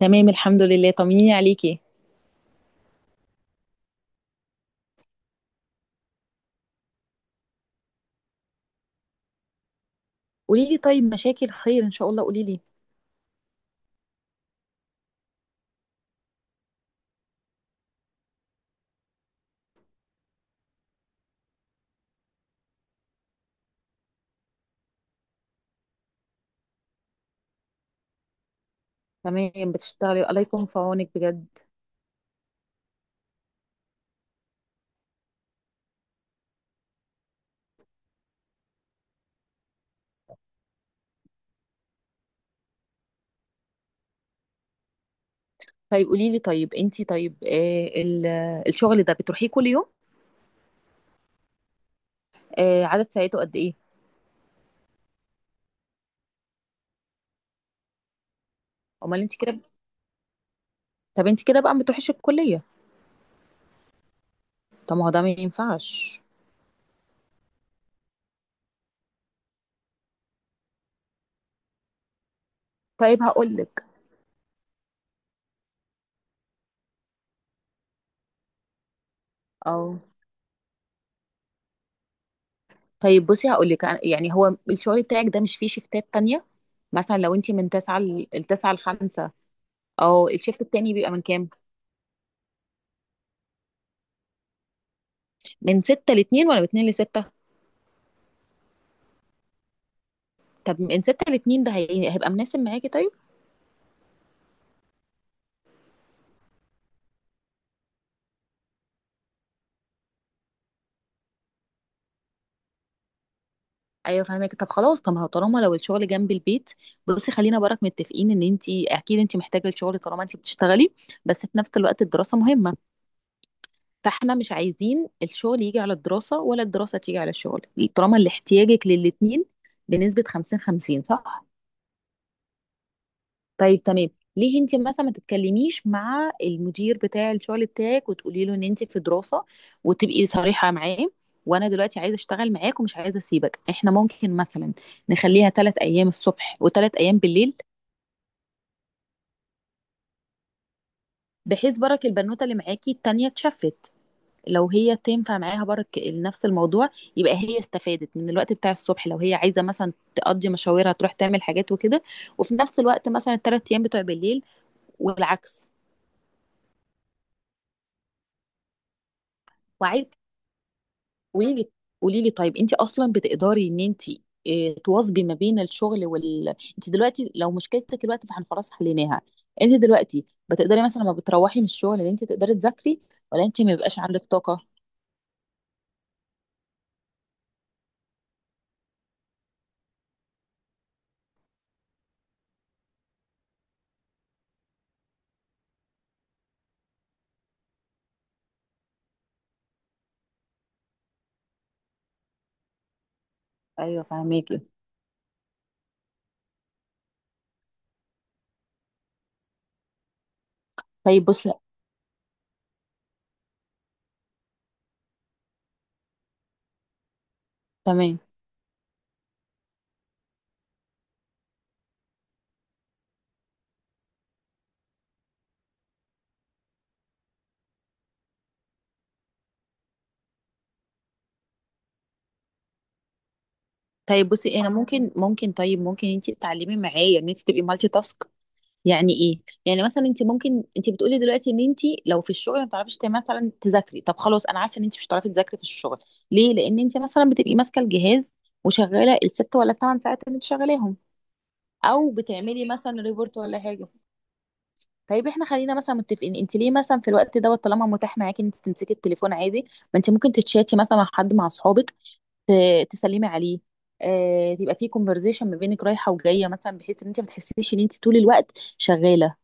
تمام، الحمد لله، طمنيني عليكي. قولي لي، طيب مشاكل خير ان شاء الله، قولي لي. تمام بتشتغلي، الله يكون في عونك بجد. طيب قولي لي، طيب انتي، طيب الشغل ده بتروحيه كل يوم؟ آه، عدد ساعته قد ايه؟ امال انتي كده، طب انتي كده بقى ما بتروحيش الكلية؟ طب ما هو ده ما ينفعش. طيب هقول لك. اه، طيب بصي هقول لك، يعني هو الشغل بتاعك ده مش فيه شيفتات تانية؟ مثلا لو انتي من 9 ل 5. او الشيفت التاني بيبقى من كام؟ من 6 ل 2 ولا من 2 ل 6؟ طب ان ستة لاتنين ده هيبقى مناسب معاكي طيب. ايوه فاهمك. طب خلاص، طب ما هو طالما لو الشغل جنب البيت. بصي خلينا برك متفقين ان انت اكيد انت محتاجه الشغل طالما انت بتشتغلي، بس في نفس الوقت الدراسه مهمه. فاحنا مش عايزين الشغل يجي على الدراسه ولا الدراسه تيجي على الشغل. طالما اللي احتياجك للاتنين بنسبه 50 50، صح؟ طيب تمام. ليه انت مثلا ما تتكلميش مع المدير بتاع الشغل بتاعك وتقولي له ان انت في دراسة، وتبقي صريحة معاه، وانا دلوقتي عايزه اشتغل معاك ومش عايزه اسيبك. احنا ممكن مثلا نخليها ثلاث ايام الصبح وثلاث ايام بالليل. بحيث برك البنوته اللي معاكي التانية اتشفت، لو هي تنفع معاها برك نفس الموضوع، يبقى هي استفادت من الوقت بتاع الصبح، لو هي عايزه مثلا تقضي مشاورها تروح تعمل حاجات وكده، وفي نفس الوقت مثلا الثلاث ايام بتوع بالليل، والعكس. وعايز. قولي لي. قولي لي طيب، انت اصلا بتقدري ان انت اه، تواظبي ما بين الشغل وال، انت دلوقتي لو مشكلتك دلوقتي فاحنا خلاص حليناها. انت دلوقتي بتقدري مثلا لما بتروحي من الشغل ان انت تقدري تذاكري، ولا انت ما بيبقاش عندك طاقة؟ ايوه فهميكي. طيب بصي. تمام. طيب بصي انا ممكن، ممكن انت تتعلمي معايا ان انت تبقي مالتي تاسك. يعني ايه؟ يعني مثلا انت ممكن، انت بتقولي دلوقتي ان انت، لو في الشغل ما بتعرفيش مثلا تذاكري. طب خلاص، انا عارفه ان انت مش هتعرفي تذاكري في الشغل، ليه؟ لان انت مثلا بتبقي ماسكه الجهاز، وشغاله الست ولا الثمان ساعات اللي انت شغالاهم، او بتعملي مثلا ريبورت ولا حاجه. طيب احنا خلينا مثلا متفقين، انت ليه مثلا في الوقت دوت طالما متاح معاكي ان انت تمسكي التليفون عادي، ما انت ممكن تتشاتي مثلا مع حد، مع اصحابك، تسلمي عليه، آه، تبقى في كونفرزيشن ما بينك رايحه وجايه، مثلا بحيث ان انت ما تحسيش ان انت طول الوقت شغاله.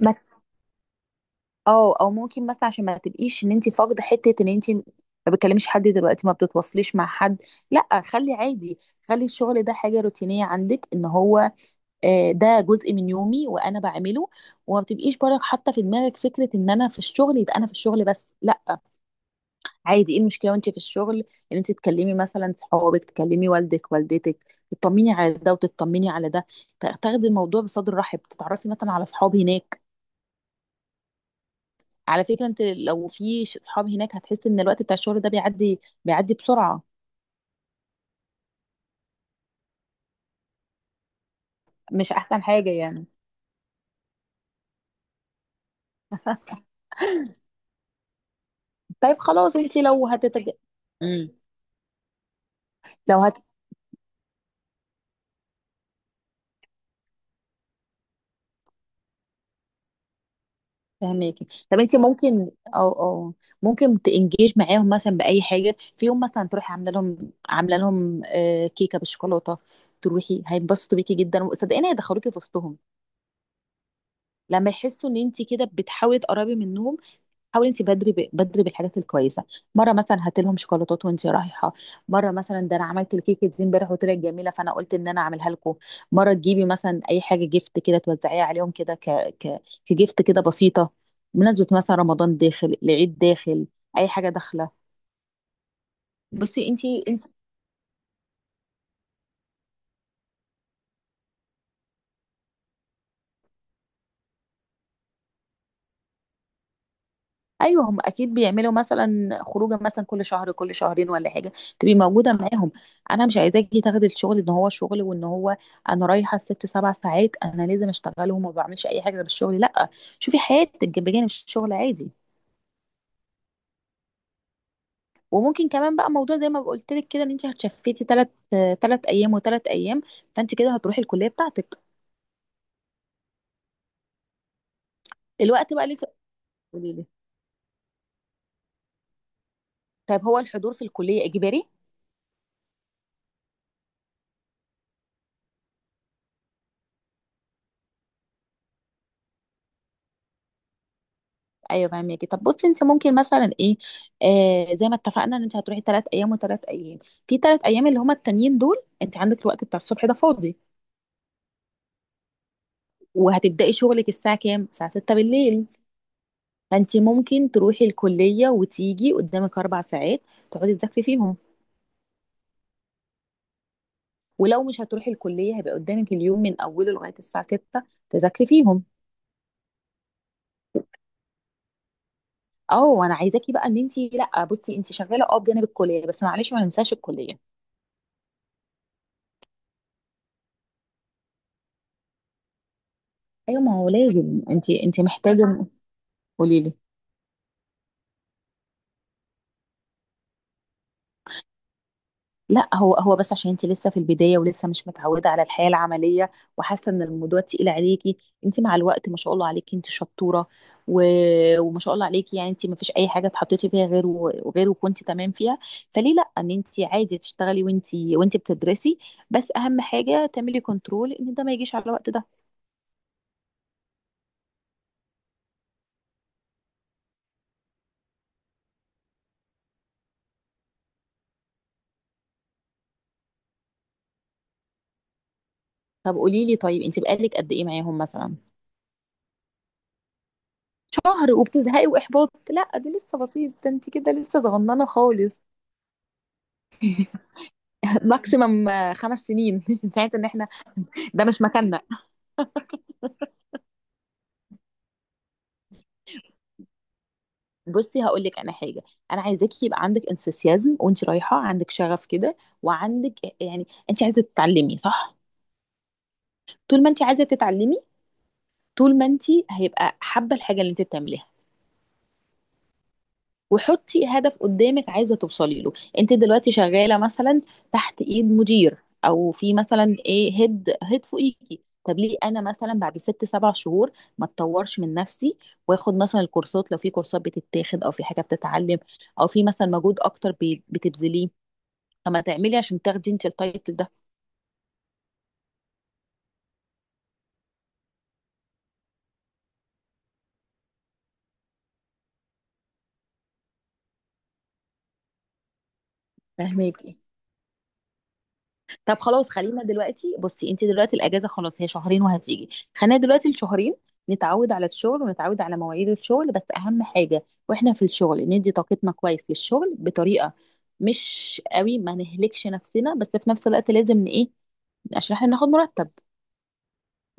ما اه، او ممكن مثلا عشان ما تبقيش ان انت فاقده حته ان انت ما بتكلميش حد دلوقتي ما بتتواصليش مع حد. لا خلي عادي، خلي الشغل ده حاجه روتينيه عندك ان هو، آه، ده جزء من يومي وانا بعمله. وما بتبقيش برك حاطه في دماغك فكره ان انا في الشغل يبقى انا في الشغل بس، لا. عادي، ايه المشكله وانت في الشغل ان انت تكلمي مثلا صحابك، تكلمي والدك، والدتك، تطمني على ده وتطمني على ده، تاخدي الموضوع بصدر رحب، تتعرفي مثلا على صحاب هناك. على فكرة انت لو في صحاب هناك هتحس ان الوقت بتاع الشغل ده بيعدي بيعدي بسرعة. مش احسن حاجة يعني؟ طيب خلاص انت لو مم. لو هتفهميكي. طب انت ممكن، او او ممكن تنجيج معاهم مثلا بأي حاجة، في يوم مثلا تروحي عاملة لهم، عاملة لهم آه، كيكة بالشوكولاتة، تروحي هينبسطوا بيكي جدا، وصدقيني هيدخلوكي في وسطهم لما يحسوا ان انت كده بتحاولي تقربي منهم. حاولي انت بدري، بدري بالحاجات الكويسه. مره مثلا هاتي لهم شوكولاتات وانت رايحه، مره مثلا ده انا عملت الكيكه دي امبارح وطلعت جميله فانا قلت ان انا اعملها لكم، مره تجيبي مثلا اي حاجه جيفت كده توزعيها عليهم كده، كجيفت كده بسيطه، بمناسبه مثلا رمضان داخل، العيد داخل، اي حاجه داخله. بصي. انت، ايوه هم اكيد بيعملوا مثلا خروجه، مثلا كل شهر كل شهرين ولا حاجه، تبقي موجوده معاهم. انا مش عايزاكي تاخدي الشغل ان هو شغل وان هو، انا رايحه ست سبع ساعات انا لازم اشتغلهم وما بعملش اي حاجه غير الشغل، لا. شوفي حياتك بجانب الشغل عادي. وممكن كمان بقى موضوع زي ما قلت لك كده، ان انت هتشفتي ثلاث ايام وثلاث ايام، فانت كده هتروحي الكليه بتاعتك. الوقت بقى اللي انت. قولي لي. طيب هو الحضور في الكليه اجباري؟ ايوه فاهمكي. طب بصي، انت ممكن مثلا ايه، آه زي ما اتفقنا ان انت هتروحي ثلاث ايام وثلاث ايام، في ثلاث ايام اللي هما التانيين دول، انت عندك الوقت بتاع الصبح ده فاضي، وهتبداي شغلك الساعه كام؟ الساعه 6 بالليل. فانت ممكن تروحي الكليه وتيجي قدامك اربع ساعات تقعدي تذاكري فيهم. ولو مش هتروحي الكليه هيبقى قدامك اليوم من اوله لغايه الساعه 6، تذاكري فيهم. اه وانا عايزاكي بقى ان انت، لا بصي، انت شغاله اه بجانب الكليه، بس معلش ما ننساش الكليه. ايوه ما هو لازم، انت، انت محتاجه. قولي لي. لا هو، هو بس عشان انت لسه في البدايه، ولسه مش متعوده على الحياه العمليه، وحاسه ان الموضوع تقيل عليكي. انت مع الوقت ما شاء الله عليكي انت شطوره، و... وما شاء الله عليكي، يعني انت ما فيش اي حاجه اتحطيتي فيها غير وكنت تمام فيها. فليه لا ان انت عادي تشتغلي وانت، وانت بتدرسي، بس اهم حاجه تعملي كنترول ان ده ما يجيش على الوقت ده. طب قولي لي، طيب انت بقالك قد ايه معاهم مثلا؟ شهر وبتزهقي واحباط؟ لا ده لسه بسيط، ده انت كده لسه صغننه خالص. ماكسيمم خمس سنين انت عايزه ان احنا، ده مش مكاننا. بصي هقول لك انا حاجه، انا عايزاكي يبقى عندك انثوسيازم وانت رايحه، عندك شغف كده، وعندك، يعني انت عايزه تتعلمي، صح؟ طول ما انت عايزه تتعلمي، طول ما انت، هيبقى حابه الحاجه اللي انت بتعمليها. وحطي هدف قدامك عايزه توصلي له. انت دلوقتي شغاله مثلا تحت ايد مدير، او في مثلا ايه هيد، فوقيكي. طب ليه انا مثلا بعد ست سبع شهور ما اتطورش من نفسي، واخد مثلا الكورسات لو في كورسات بتتاخد او في حاجه بتتعلم، او في مثلا مجهود اكتر بتبذليه. طب ما تعملي عشان تاخدي انت التايتل ده. فاهمك. طب خلاص خلينا دلوقتي، بصي انت دلوقتي الاجازه خلاص هي شهرين وهتيجي، خلينا دلوقتي الشهرين نتعود على الشغل، ونتعود على مواعيد الشغل. بس اهم حاجه واحنا في الشغل ندي طاقتنا كويس للشغل بطريقه مش قوي، ما نهلكش نفسنا، بس في نفس الوقت لازم ايه، عشان احنا ناخد مرتب،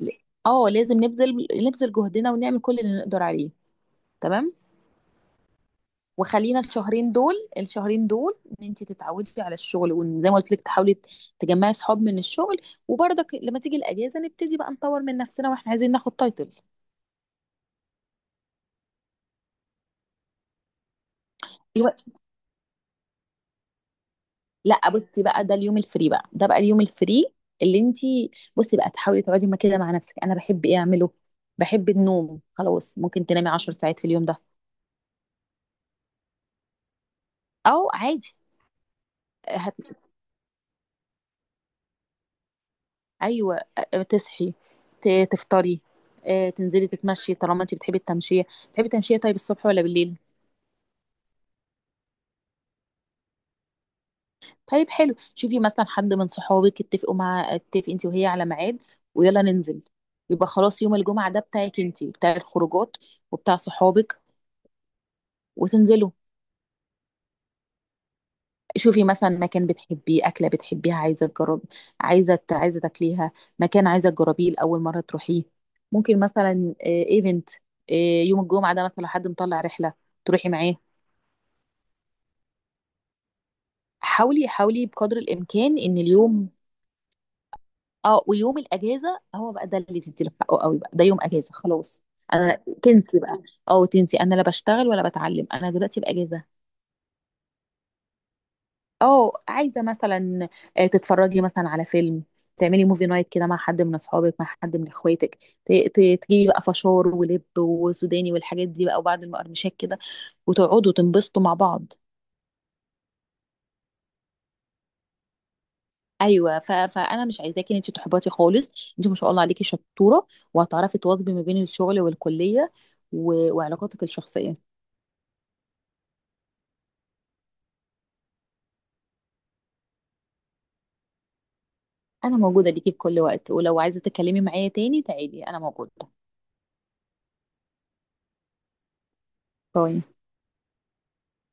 ل- اه لازم نبذل، نبذل جهدنا، ونعمل كل اللي نقدر عليه. تمام. وخلينا الشهرين دول، الشهرين دول، ان انت تتعودي على الشغل، وزي ما قلت لك تحاولي تجمعي صحاب من الشغل. وبرضك لما تيجي الاجازه نبتدي بقى نطور من نفسنا، واحنا عايزين ناخد تايتل. الو- لا بصي بقى، ده اليوم الفري بقى، ده بقى اليوم الفري اللي انت، بصي بقى تحاولي تقعدي ما كده مع نفسك، انا بحب ايه اعمله؟ بحب النوم خلاص، ممكن تنامي 10 ساعات في اليوم ده، او عادي. هت... ايوه، تصحي، تفطري، آه، تنزلي تتمشي طالما انت بتحبي التمشيه. بتحبي التمشيه طيب الصبح ولا بالليل؟ طيب حلو، شوفي مثلا حد من صحابك، اتفق انت وهي على ميعاد، ويلا ننزل. يبقى خلاص يوم الجمعة ده بتاعك انت، بتاع الخروجات وبتاع صحابك، وتنزلوا. شوفي مثلا مكان بتحبيه، أكلة بتحبيها عايزة تجرب، عايزة عايزة تاكليها، مكان عايزة تجربيه لأول مرة تروحيه. ممكن مثلا ايفنت يوم الجمعة ده، مثلا حد مطلع رحلة تروحي معاه. حاولي، حاولي بقدر الإمكان إن اليوم، اه ويوم الاجازه هو بقى ده اللي تدي له حقه قوي، بقى ده يوم اجازه خلاص. انا، تنسي بقى، اه تنسي انا لا بشتغل ولا بتعلم، انا دلوقتي باجازه. اه عايزه مثلا، آه، تتفرجي مثلا على فيلم، تعملي موفي نايت كده مع حد من اصحابك، مع حد من اخواتك، تجيبي بقى فشار ولب وسوداني والحاجات دي بقى، وبعد المقرمشات كده، وتقعدوا تنبسطوا مع بعض. ايوه فانا مش عايزاكي ان انت تحبطي خالص. انت ما شاء الله عليكي شطوره، وهتعرفي تواظبي ما بين الشغل والكليه، وعلاقاتك الشخصيه. انا موجوده ليكي في كل وقت، ولو عايزه تتكلمي معايا تاني تعالي، انا موجوده. باي.